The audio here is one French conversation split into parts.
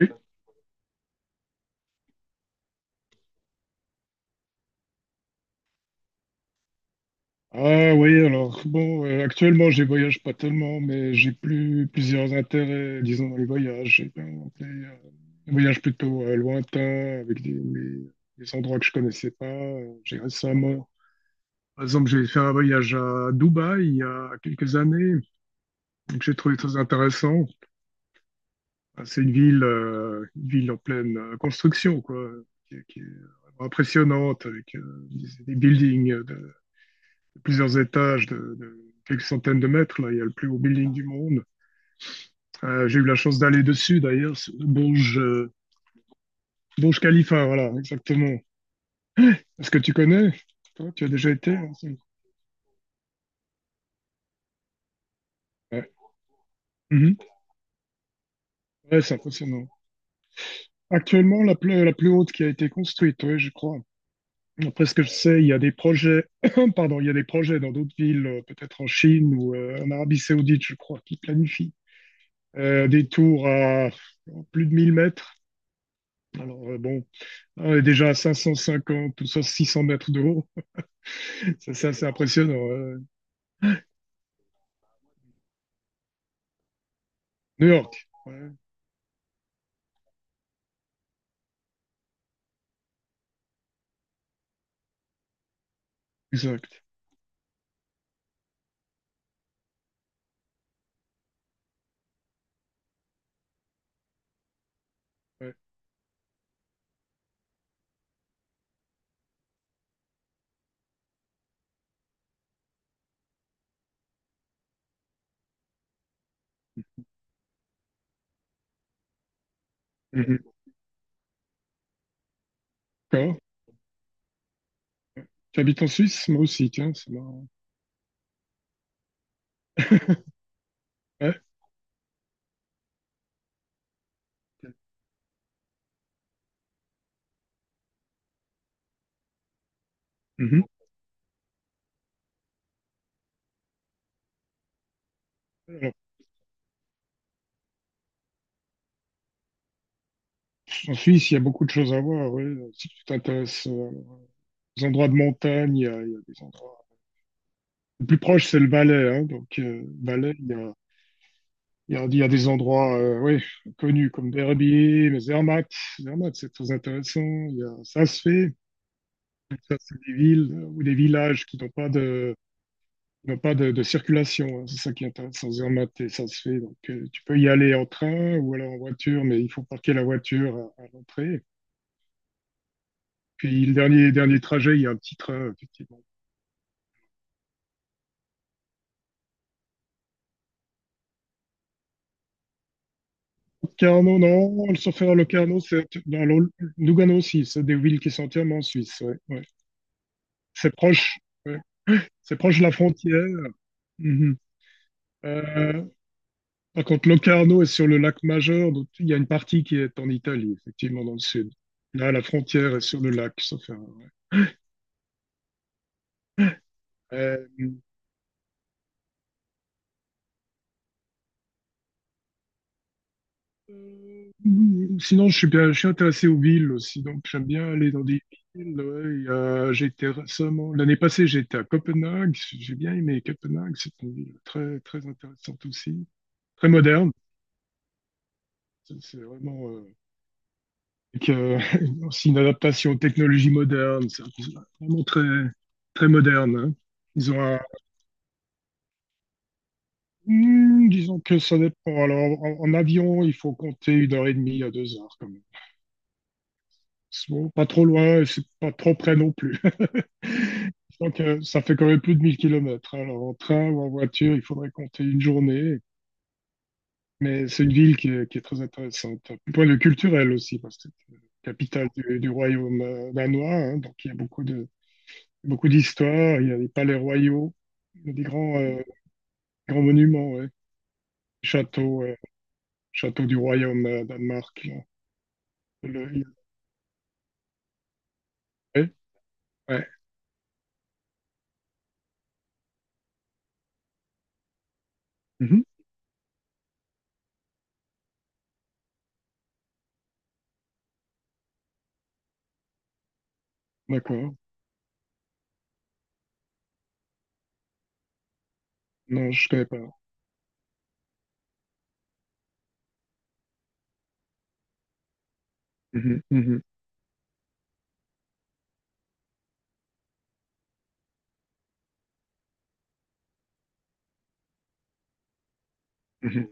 Oui. Ah oui, alors bon, actuellement je voyage pas tellement, mais j'ai plusieurs intérêts, disons, dans les voyages. J'ai bien monté, des voyages plutôt lointains, avec des endroits que je connaissais pas. J'ai récemment, par exemple, j'ai fait un voyage à Dubaï il y a quelques années, que j'ai trouvé très intéressant. Ah, c'est une ville, en pleine construction, quoi, qui est vraiment impressionnante, avec des buildings. Plusieurs étages de quelques centaines de mètres. Là, il y a le plus haut building du monde. J'ai eu la chance d'aller dessus, d'ailleurs, sur le Burj Khalifa, voilà, exactement. Est-ce que tu connais? Toi, tu as déjà été? Hein. Ouais, mhm. Ouais, c'est impressionnant. Actuellement, la plus haute qui a été construite, oui, je crois. Après ce que je sais, il y a des projets, pardon, il y a des projets dans d'autres villes, peut-être en Chine ou en Arabie Saoudite, je crois, qui planifient des tours à plus de 1000 mètres. Alors, bon, on est déjà à 550 ou 600 mètres de haut. Ça, c'est assez impressionnant. Ouais. New York. Ouais, exact. Ouais. Mhm. D'accord. Tu habites en Suisse? Moi aussi, tiens, c'est marrant. Ouais. Mhm. Alors, en Suisse, il y a beaucoup de choses à voir. Ouais. Si tu t'intéresses aux endroits de montagne, il y a des endroits. Le plus proche, c'est le Valais. Hein. Donc, Valais, il y a, il y a, il y a des endroits ouais, connus comme Verbier, mais Zermatt. Zermatt, c'est très intéressant. Il y a Sasfee. Ça, c'est des villes ou des villages qui n'ont pas de circulation. Hein. C'est ça qui est intéressant. Zermatt, et ça se fait. Donc, tu peux y aller en train ou alors en voiture, mais il faut parquer la voiture à l'entrée. Puis le dernier, dernier trajet, il y a un petit train, effectivement. Locarno, non, le à Locarno. Lugano aussi. C'est des villes qui sont entièrement en Suisse. Ouais, ouais. C'est proche. Ouais. C'est proche de la frontière. Mhm. Euh, par contre, Locarno est sur le lac Majeur, donc il y a une partie qui est en Italie, effectivement, dans le sud. Là, la frontière est sur le lac, sauf erreur. Euh, sinon, je suis intéressé aux villes aussi, donc j'aime bien aller dans des villes. Ouais. J'étais récemment, l'année passée, j'étais à Copenhague. J'ai bien aimé Copenhague. C'est une ville très, très intéressante aussi, très moderne. C'est vraiment avec, aussi une adaptation aux technologies modernes. C'est vraiment très, très moderne. Hein. Ils ont disons que ça dépend. Alors, en avion, il faut compter une heure et demie à 2 heures, quand même. C'est bon, pas trop loin, et c'est pas trop près non plus. Donc, ça fait quand même plus de 1000 kilomètres. Alors, en train ou en voiture, il faudrait compter une journée. Mais c'est une ville qui est très intéressante. Du point de vue culturel aussi, parce que c'est la capitale du royaume danois. Hein. Donc, il y a beaucoup d'histoires. Il y a des palais royaux, il y a des grands monuments, ouais. Châteaux, euh, châteaux du royaume Danemark. Là. Le- Oui, ouais. Mhm. D'accord. Non, je connais pas. Mhm, mhm, mhm,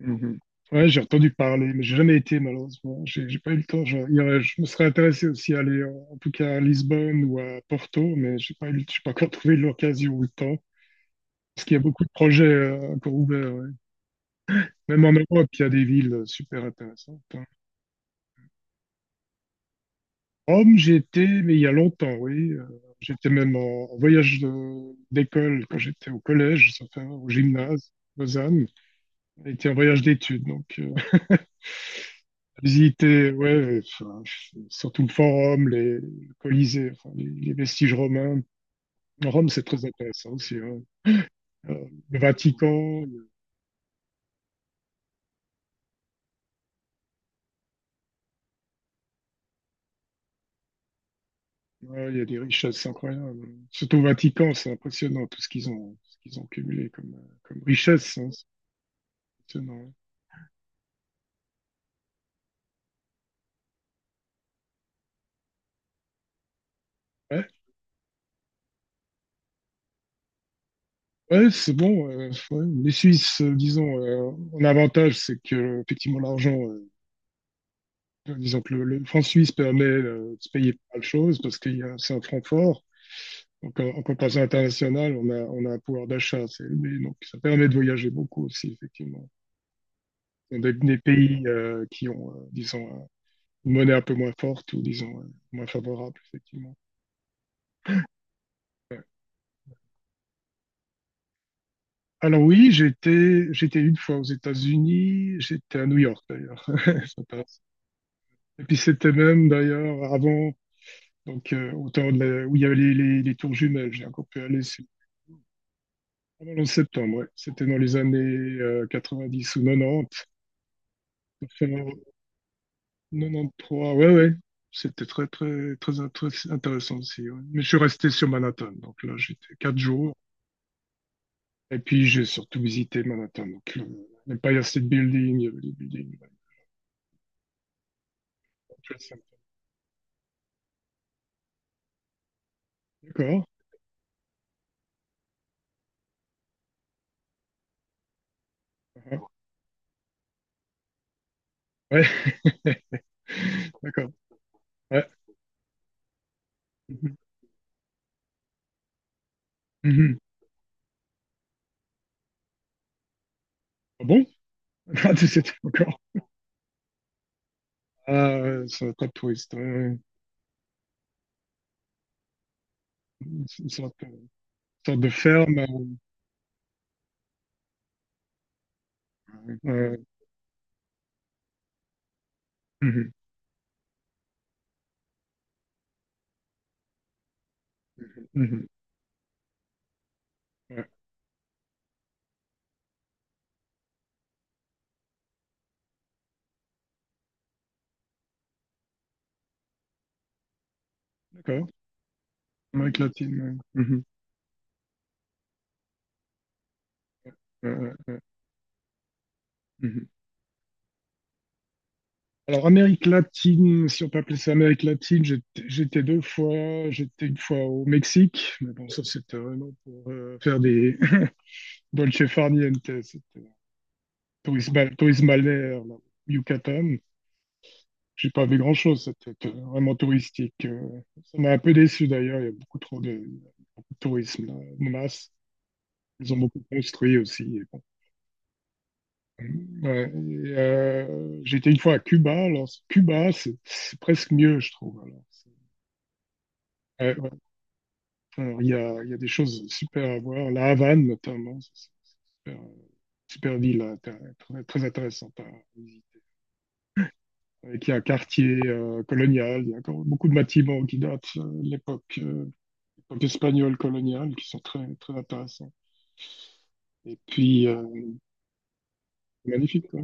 mhm. Ouais, j'ai entendu parler, mais j'ai jamais été malheureusement. J'ai pas eu le temps. Je, il y aurait- je me serais intéressé aussi à aller, en tout cas à Lisbonne ou à Porto, mais j'ai pas encore trouvé l'occasion ou le temps. Parce qu'il y a beaucoup de projets encore ouverts. Ouais. Même en Europe, il y a des villes super intéressantes. Hein. Rome, j'ai été, mais il y a longtemps, oui. J'étais même en voyage d'école quand j'étais au collège, ça fait, au gymnase, Lausanne. Était un voyage d'études, donc visiter, ouais, enfin, surtout le forum, le Colisée, enfin, les vestiges romains. Rome, c'est très intéressant aussi. Hein. Euh, le Vatican, il y a des richesses incroyables. Surtout au Vatican, c'est impressionnant tout ce qu'ils ont, cumulé comme richesse. Hein, c'est impressionnant. Ouais, ouais, c'est bon. Ouais. Les Suisses, disons, un avantage, c'est que effectivement l'argent, disons que le franc suisse permet de se payer pas mal de choses parce qu'il y a c'est un franc fort. Donc, en comparaison internationale, on a un pouvoir d'achat, mais donc ça permet de voyager beaucoup aussi, effectivement. Dans des pays qui ont, disons, une monnaie un peu moins forte ou, disons, moins favorable, effectivement. Alors oui, j'étais une fois aux États-Unis, j'étais à New York d'ailleurs, ça passe. Et puis c'était même d'ailleurs avant, donc au temps où il y avait les tours jumelles, j'ai encore pu aller. Pendant le septembre, ouais. C'était dans les années euh, dix ou 90. 93, ouais, ouais. C'était très, très, très, très intéressant aussi. Ouais. Mais je suis resté sur Manhattan. Donc là, j'étais 4 jours. Et puis, j'ai surtout visité Manhattan. Donc, l'Empire State Building, il y avait les buildings. Le Trade Center. D'accord. Ah, ouais. D'accord. Ouais. Mhm. Mhm. Ah bon? Ah, tu sais, t'es encore. Ah, ouais, ça va pas de touriste. Ouais, ouais. C'est une sorte de ferme. Ouais. Mhm. Mhm. Ouais. D'accord. Amérique latine. Ouais. Mhm. Ouais, ouais. Mhm. Alors, Amérique latine, si on peut appeler ça Amérique latine, j'étais 2 fois, j'étais une fois au Mexique, mais bon, ça c'était vraiment pour faire des dolce far niente, c'était tourisme, tourisme balnéaire, là, au Yucatan. J'ai pas vu grand-chose, c'était vraiment touristique. Ça m'a un peu déçu d'ailleurs, il y a beaucoup trop de tourisme là, de masse. Ils ont beaucoup construit aussi. Et bon. Ouais, et, j'étais une fois à Cuba, alors Cuba, c'est presque mieux, je trouve. Alors. c'est- Alors, il y a des choses super à voir. La Havane, notamment, c'est une super, super ville, hein, très, très intéressante à visiter. Avec il a un quartier colonial, il y a encore beaucoup de bâtiments qui datent de l'époque l'époque espagnole coloniale, qui sont très, très intéressants. Et puis, magnifique, quoi.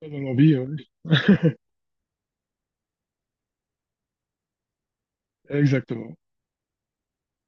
Ça donne envie, ouais. Exactement.